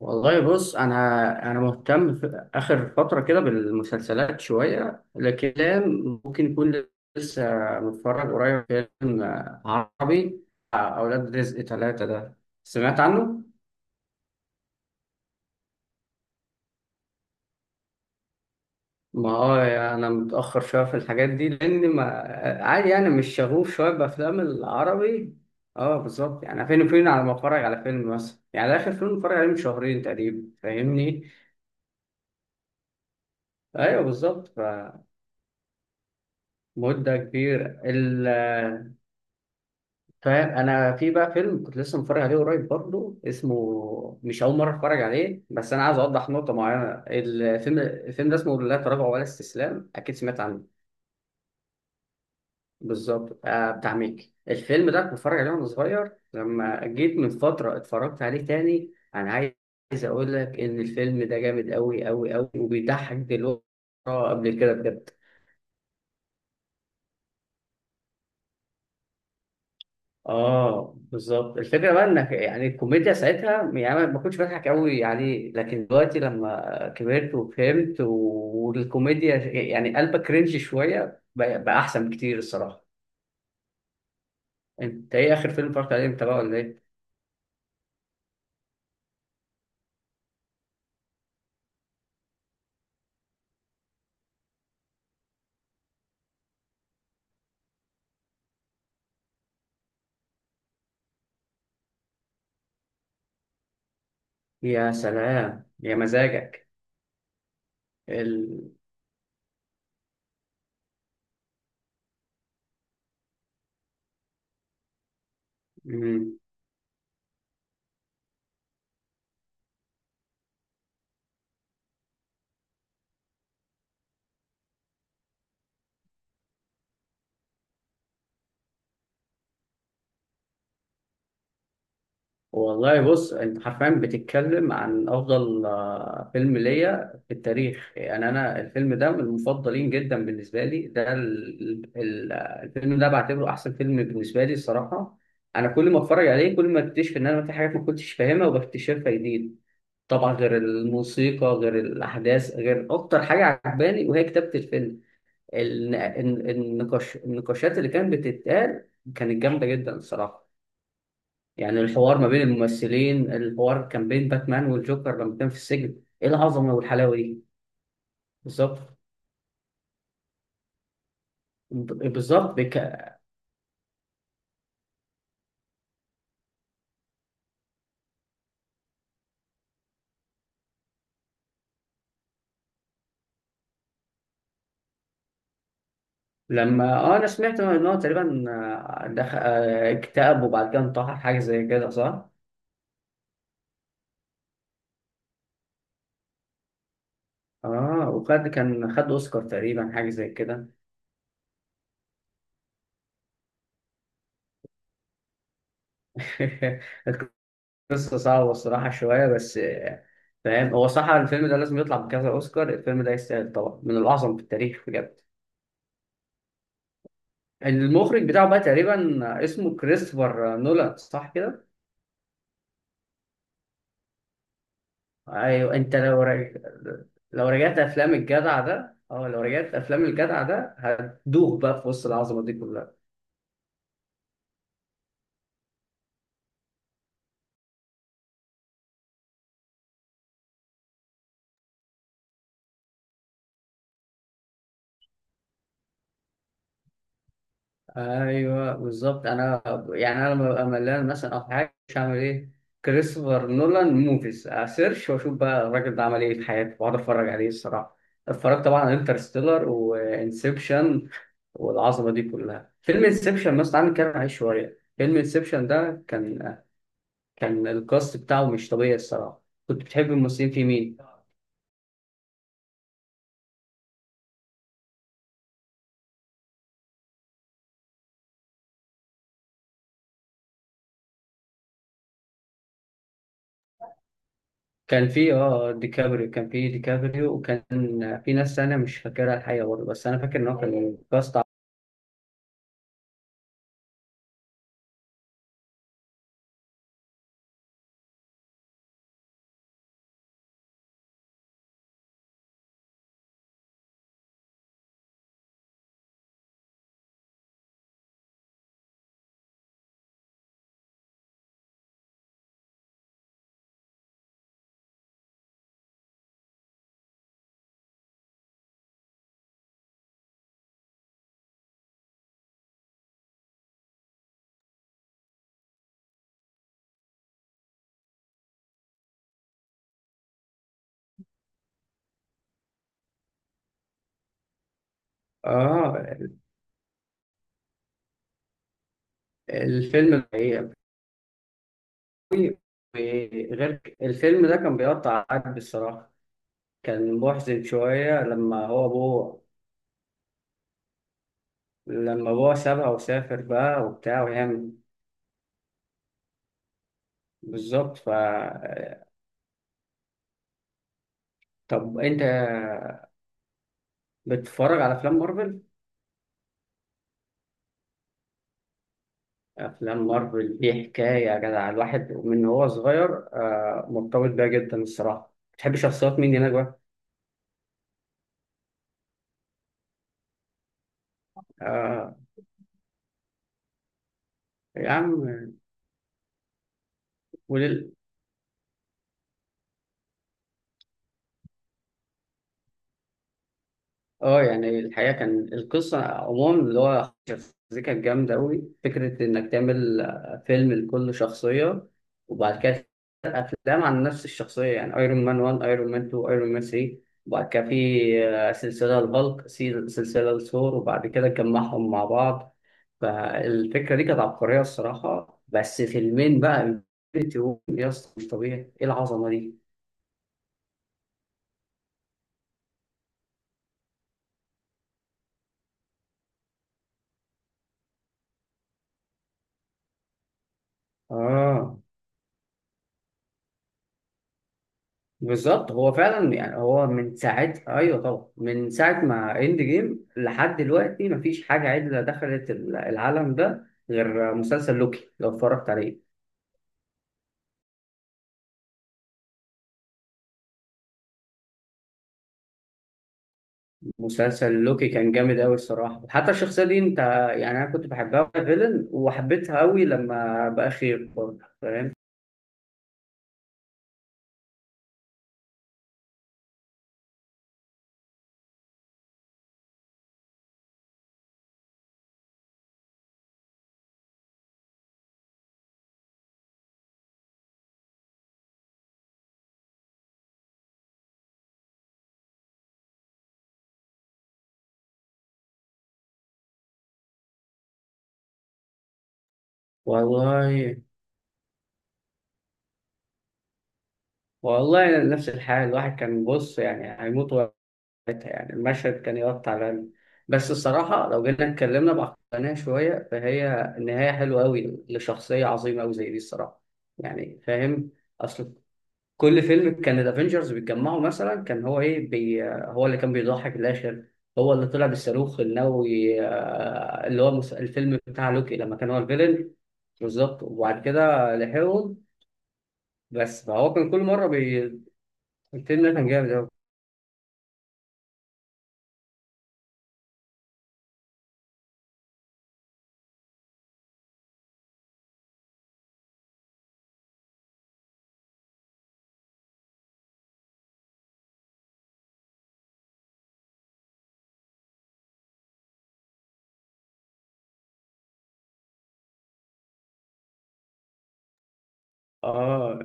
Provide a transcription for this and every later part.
والله بص، انا مهتم في اخر فتره كده بالمسلسلات شويه، لكن ممكن يكون لسه متفرج قريب فيلم عربي بتاع اولاد رزق ثلاثة ده، سمعت عنه. ما هو انا متاخر شويه في الحاجات دي لان ما عادي، يعني مش شغوف شويه بافلام العربي. اه بالظبط، يعني فين وفين على ما اتفرج على فيلم مثلا، يعني ده اخر فيلم اتفرج عليه من شهرين تقريبا، فاهمني؟ ايوه بالظبط، مدة كبيرة. فاهم، انا في بقى فيلم كنت لسه متفرج عليه قريب برضه، اسمه مش اول مره اتفرج عليه، بس انا عايز اوضح نقطه معينه. الفيلم ده اسمه لا تراجع ولا استسلام، اكيد سمعت عنه. بالظبط بتاع ميكي. الفيلم ده كنت بتفرج عليه وانا صغير، لما جيت من فتره اتفرجت عليه تاني. انا عايز اقول لك ان الفيلم ده جامد قوي قوي قوي، وبيضحك دلوقتي قبل كده بجد. اه بالظبط، الفكره بقى انك يعني الكوميديا ساعتها، يعني أنا ما كنتش بضحك قوي عليه، لكن دلوقتي لما كبرت وفهمت والكوميديا، يعني قلبك كرنج شويه بقى، بقى احسن بكتير الصراحه. انت ايه اخر فيلم اتفرجت عليه انت بقى، ولا ايه؟ يا سلام يا مزاجك. ال... مم. والله بص، انت حرفيا بتتكلم عن افضل فيلم ليا في التاريخ، يعني انا الفيلم ده من المفضلين جدا بالنسبه لي. ده الفيلم ده بعتبره احسن فيلم بالنسبه لي الصراحه. انا كل ما اتفرج عليه كل ما اكتشف ان انا في حاجات ما كنتش فاهمها وبكتشفها جديد. طبعا غير الموسيقى غير الاحداث، غير اكتر حاجه عجباني وهي كتابه الفيلم. النقاش النقاشات اللي كانت بتتقال كانت جامده جدا الصراحه. يعني الحوار ما بين الممثلين، الحوار كان بين باتمان والجوكر لما كان في السجن، ايه العظمه والحلاوه دي. بالظبط. ب- بالظبط بك... لما انا سمعت ان هو تقريبا دخل، اكتئب وبعد كده انتحر، حاجه زي كده صح؟ اه، كان خد اوسكار تقريبا، حاجه زي كده. القصه صعبه الصراحه شويه، بس فاهم. هو صح الفيلم ده لازم يطلع بكذا اوسكار، الفيلم ده يستاهل طبعا، من الاعظم في التاريخ بجد. المخرج بتاعه بقى تقريبا اسمه كريستوفر نولان، صح كده؟ ايوه، لو رجعت افلام الجدع ده، اه لو رجعت افلام الجدع ده هتدوخ بقى في وسط العظمه دي كلها. ايوه بالظبط، انا يعني انا لما ببقى ملان مثلا او حاجه، مش هعمل ايه؟ كريستوفر نولان موفيز اسيرش، واشوف بقى الراجل ده عمل ايه في حياته واقعد اتفرج عليه الصراحه. اتفرجت طبعا على انترستيلر وانسبشن والعظمه دي كلها. فيلم انسبشن مثلا، تعالى نتكلم عليه شويه. فيلم انسبشن ده كان الكاست بتاعه مش طبيعي الصراحه. كنت بتحب الممثلين في مين؟ كان في ديكابريو، وكان في ناس انا مش فاكرها الحقيقه برضه، بس انا فاكر ان هو كان كاست. اه، الفيلم الحقيقة، غير الفيلم ده كان بيقطع قلب الصراحه. كان محزن شويه لما هو ابوه، لما ابوه سابها وسافر بقى وبتاع، وهي بالظبط. طب انت بتتفرج على افلام مارفل؟ افلام مارفل دي حكايه يا جدع، الواحد من هو صغير مرتبط بيها جدا الصراحه. بتحب شخصيات مين هناك بقى؟ آه، يا عم. ولل اه، يعني الحقيقه كان القصه عموما اللي هو شخصيتها كانت جامده قوي. فكره انك تعمل فيلم لكل شخصيه، وبعد كده افلام عن نفس الشخصيه، يعني ايرون مان 1، ايرون مان 2، ايرون مان 3. وبعد كده في سلسله الهالك، سلسله الثور، وبعد كده جمعهم مع بعض. فالفكره دي كانت عبقريه الصراحه. بس فيلمين بقى، انفينيتي وور، يا اسطى مش طبيعي، ايه العظمه دي. اه بالظبط، هو فعلا يعني هو من ساعه، ايوه طبعا، من ساعه ما اند جيم لحد دلوقتي مفيش حاجه عدله دخلت العالم ده، غير مسلسل لوكي لو اتفرجت عليه. مسلسل لوكي كان جامد قوي الصراحه. حتى الشخصيه دي انت، يعني انا كنت بحبها في فيلن وحبيتها قوي لما بقى خير برضه، فاهم؟ والله، والله نفس الحال، الواحد كان بص يعني هيموت وقتها، يعني المشهد كان يقطع القلب. بس الصراحه لو جينا اتكلمنا بعقلانيه شويه، فهي النهايه حلوه قوي لشخصيه عظيمه قوي زي دي الصراحه، يعني فاهم. اصل كل فيلم كان الافنجرز بيتجمعوا مثلا، كان هو ايه بي، هو اللي كان بيضحي في الاخر. هو اللي طلع بالصاروخ النووي، اللي هو الفيلم بتاع لوكي لما كان هو الفيلن. بالظبط، وبعد كده لحقهم. بس فهو كان كل مره الفيلم ده كان جامد قوي. اه،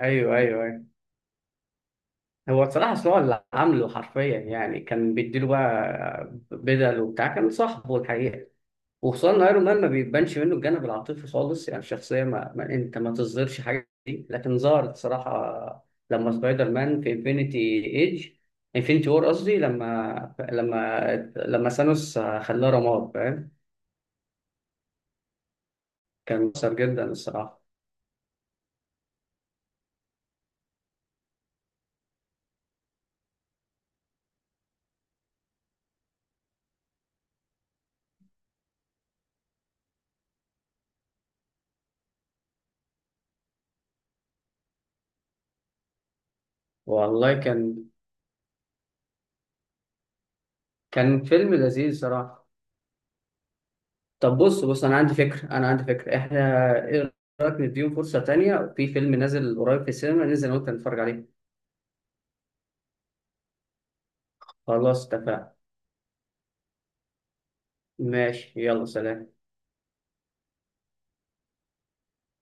ايوه ايوه ايوه. هو بصراحه أصل هو اللي عامله حرفيا، يعني كان بيديله بقى بدل وبتاع، كان صاحبه الحقيقه. وخصوصا ان ايرون مان ما بيبانش منه الجانب العاطفي خالص، يعني الشخصيه ما انت ما تصدرش حاجه دي، لكن ظهرت صراحه لما سبايدر مان في انفينيتي ايج انفينيتي وور قصدي، لما ثانوس خلاه رماد، فاهم؟ كان مؤثر جدا الصراحه. والله كان كان فيلم لذيذ صراحه. طب بص انا عندي فكره، احنا ايه رايك نديهم فرصه تانية في فيلم نازل قريب في السينما، ننزل انا وانت نتفرج عليه. خلاص اتفقنا. ماشي يلا سلام.